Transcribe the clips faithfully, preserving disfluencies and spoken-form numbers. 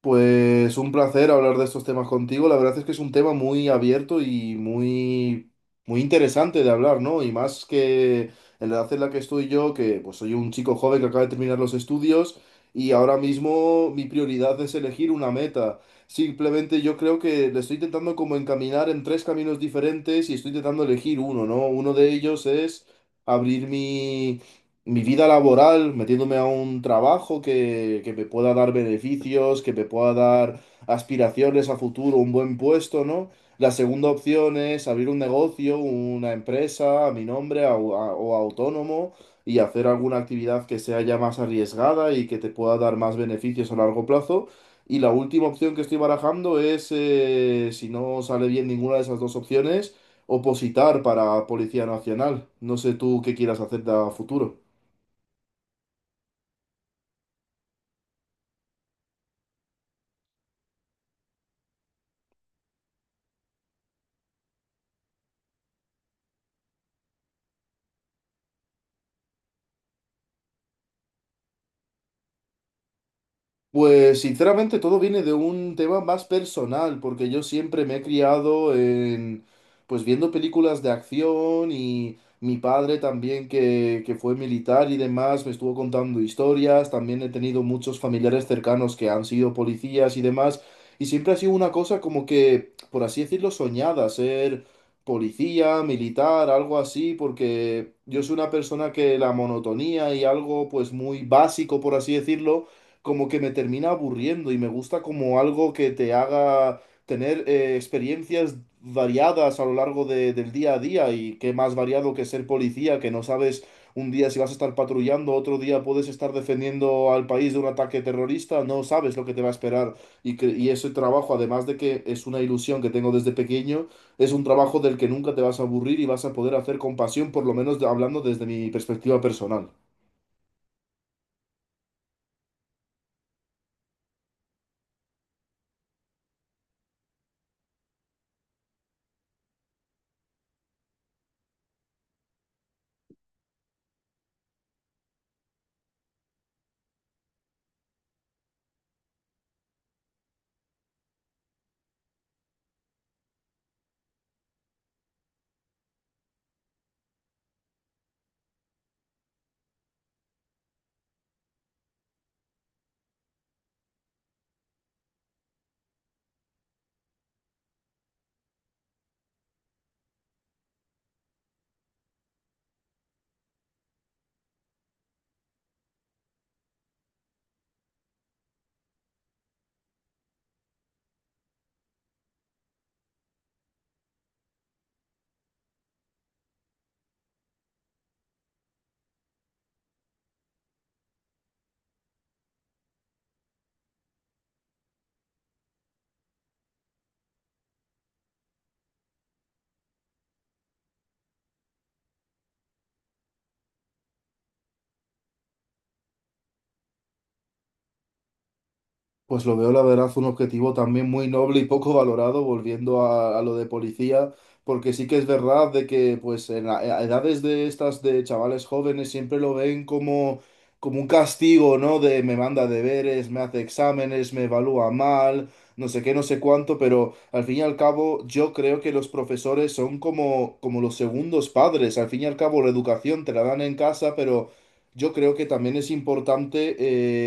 Pues un placer hablar de estos temas contigo. La verdad es que es un tema muy abierto y muy, muy interesante de hablar, ¿no? Y más que en la edad en la que estoy yo, que pues soy un chico joven que acaba de terminar los estudios y ahora mismo mi prioridad es elegir una meta. Simplemente yo creo que le estoy intentando como encaminar en tres caminos diferentes y estoy intentando elegir uno, ¿no? Uno de ellos es abrir mi mi vida laboral, metiéndome a un trabajo que, que me pueda dar beneficios, que me pueda dar aspiraciones a futuro, un buen puesto, ¿no? La segunda opción es abrir un negocio, una empresa a mi nombre a- a- o autónomo y hacer alguna actividad que sea ya más arriesgada y que te pueda dar más beneficios a largo plazo. Y la última opción que estoy barajando es, eh, si no sale bien ninguna de esas dos opciones, opositar para Policía Nacional. No sé tú qué quieras hacer a futuro. Pues sinceramente todo viene de un tema más personal, porque yo siempre me he criado en, pues viendo películas de acción y mi padre también que, que fue militar y demás me estuvo contando historias, también he tenido muchos familiares cercanos que han sido policías y demás, y siempre ha sido una cosa como que, por así decirlo, soñada, ser policía, militar, algo así, porque yo soy una persona que la monotonía y algo pues muy básico, por así decirlo, como que me termina aburriendo y me gusta como algo que te haga tener eh, experiencias variadas a lo largo de- del día a día y qué más variado que ser policía, que no sabes un día si vas a estar patrullando, otro día puedes estar defendiendo al país de un ataque terrorista, no sabes lo que te va a esperar y, que, y ese trabajo, además de que es una ilusión que tengo desde pequeño, es un trabajo del que nunca te vas a aburrir y vas a poder hacer con pasión, por lo menos de- hablando desde mi perspectiva personal. Pues lo veo, la verdad, un objetivo también muy noble y poco valorado, volviendo a, a lo de policía, porque sí que es verdad de que, pues, en la- a edades de estas de chavales jóvenes siempre lo ven como, como un castigo, ¿no? De me manda deberes, me hace exámenes, me evalúa mal, no sé qué, no sé cuánto, pero al fin y al cabo yo creo que los profesores son como, como los segundos padres. Al fin y al cabo la educación te la dan en casa, pero yo creo que también es importante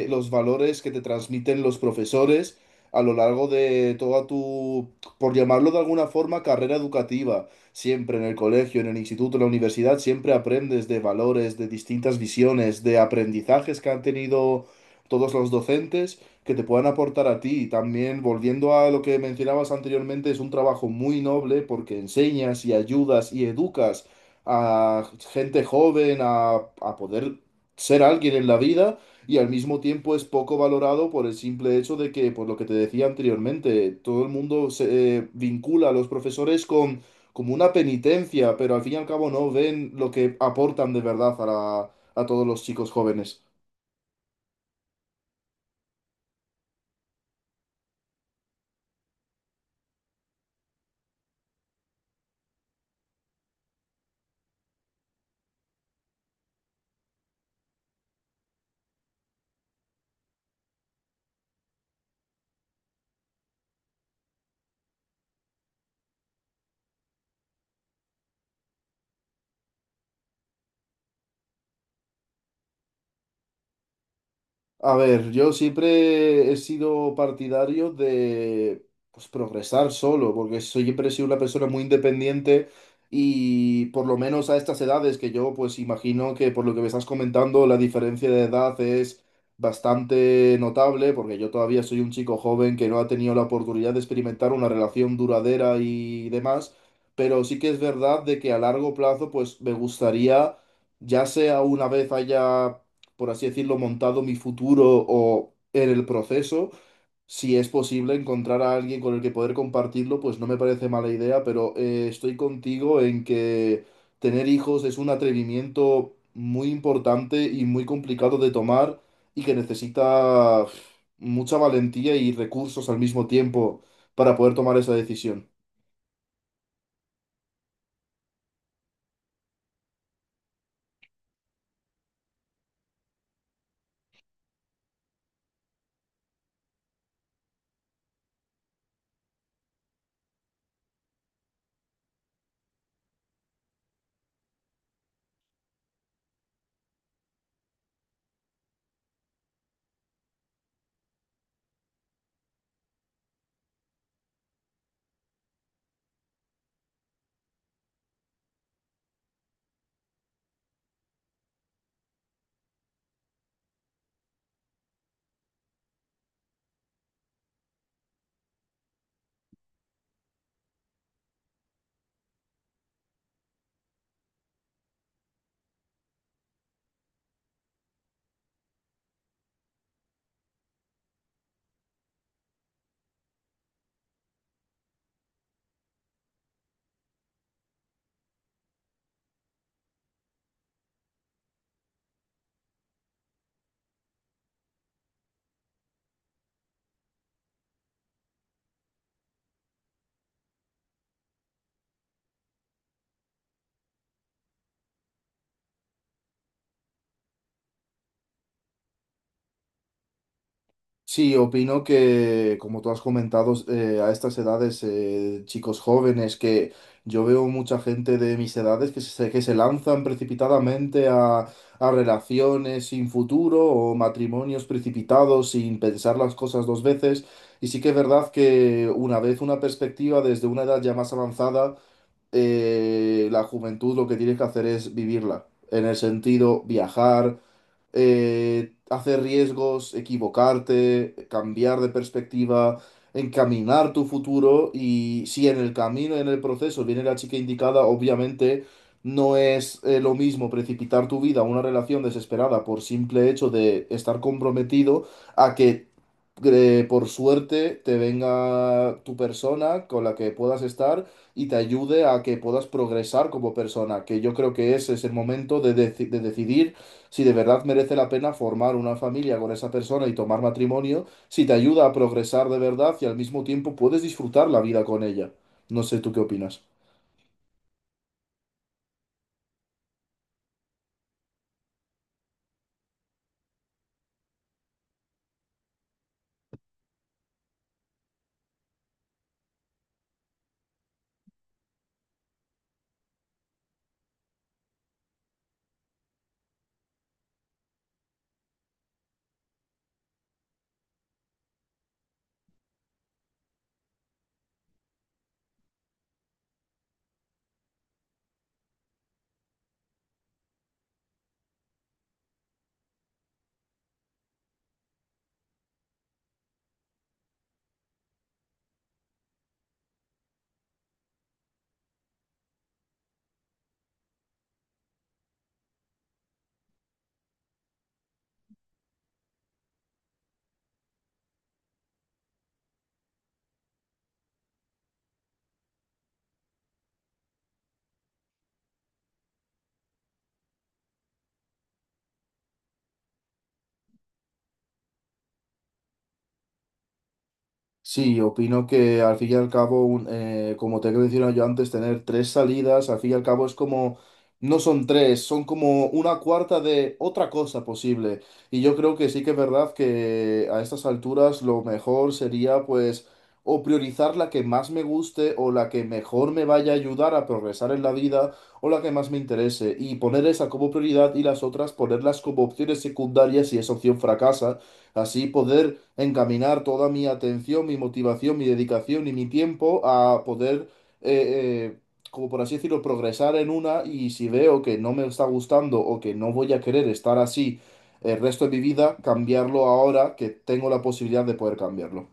eh, los valores que te transmiten los profesores a lo largo de toda tu, por llamarlo de alguna forma, carrera educativa. Siempre en el colegio, en el instituto, en la universidad, siempre aprendes de valores, de distintas visiones, de aprendizajes que han tenido todos los docentes que te puedan aportar a ti. Y también, volviendo a lo que mencionabas anteriormente, es un trabajo muy noble porque enseñas y ayudas y educas a gente joven a, a poder ser alguien en la vida y al mismo tiempo es poco valorado por el simple hecho de que, por lo que te decía anteriormente, todo el mundo se eh, vincula a los profesores con como una penitencia, pero al fin y al cabo no ven lo que aportan de verdad a la- a todos los chicos jóvenes. A ver, yo siempre he sido partidario de pues, progresar solo, porque soy- siempre he sido una persona muy independiente y por lo menos a estas edades que yo pues imagino que por lo que me estás comentando la diferencia de edad es bastante notable, porque yo todavía soy un chico joven que no ha tenido la oportunidad de experimentar una relación duradera y demás, pero sí que es verdad de que a largo plazo pues me gustaría ya sea una vez haya por así decirlo, montado mi futuro o en el proceso. Si es posible encontrar a alguien con el que poder compartirlo, pues no me parece mala idea, pero eh, estoy contigo en que tener hijos es un atrevimiento muy importante y muy complicado de tomar y que necesita uf, mucha valentía y recursos al mismo tiempo para poder tomar esa decisión. Sí, opino que, como tú has comentado, eh, a estas edades, eh, chicos jóvenes, que yo veo mucha gente de mis edades que se, que se lanzan precipitadamente a, a relaciones sin futuro o matrimonios precipitados sin pensar las cosas dos veces. Y sí que es verdad que una vez una perspectiva desde una edad ya más avanzada eh, la juventud lo que tienes que hacer es vivirla, en el sentido viajar, eh, hacer riesgos, equivocarte, cambiar de perspectiva, encaminar tu futuro y si en el camino, en el proceso viene la chica indicada, obviamente no es eh, lo mismo precipitar tu vida a una relación desesperada por simple hecho de estar comprometido a que eh, por suerte te venga tu persona con la que puedas estar y te ayude a que puedas progresar como persona, que yo creo que ese es el momento de, deci- de decidir si de verdad merece la pena formar una familia con esa persona y tomar matrimonio, si te ayuda a progresar de verdad y al mismo tiempo puedes disfrutar la vida con ella. No sé, ¿tú qué opinas? Sí, opino que al fin y al cabo, un- eh, como te he mencionado yo antes, tener tres salidas, al fin y al cabo es como, no son tres, son como una cuarta de otra cosa posible. Y yo creo que sí que es verdad que a estas alturas lo mejor sería pues o priorizar la que más me guste o la que mejor me vaya a ayudar a progresar en la vida o la que más me interese y poner esa como prioridad y las otras ponerlas como opciones secundarias si esa opción fracasa. Así poder encaminar toda mi atención, mi motivación, mi dedicación y mi tiempo a poder, eh, eh, como por así decirlo, progresar en una y si veo que no me está gustando o que no voy a querer estar así el resto de mi vida, cambiarlo ahora que tengo la posibilidad de poder cambiarlo.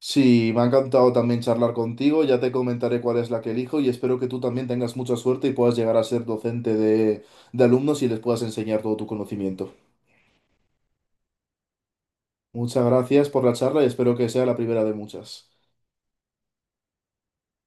Sí, me ha encantado también charlar contigo, ya te comentaré cuál es la que elijo y espero que tú también tengas mucha suerte y puedas llegar a ser docente de, de alumnos y les puedas enseñar todo tu conocimiento. Muchas gracias por la charla y espero que sea la primera de muchas.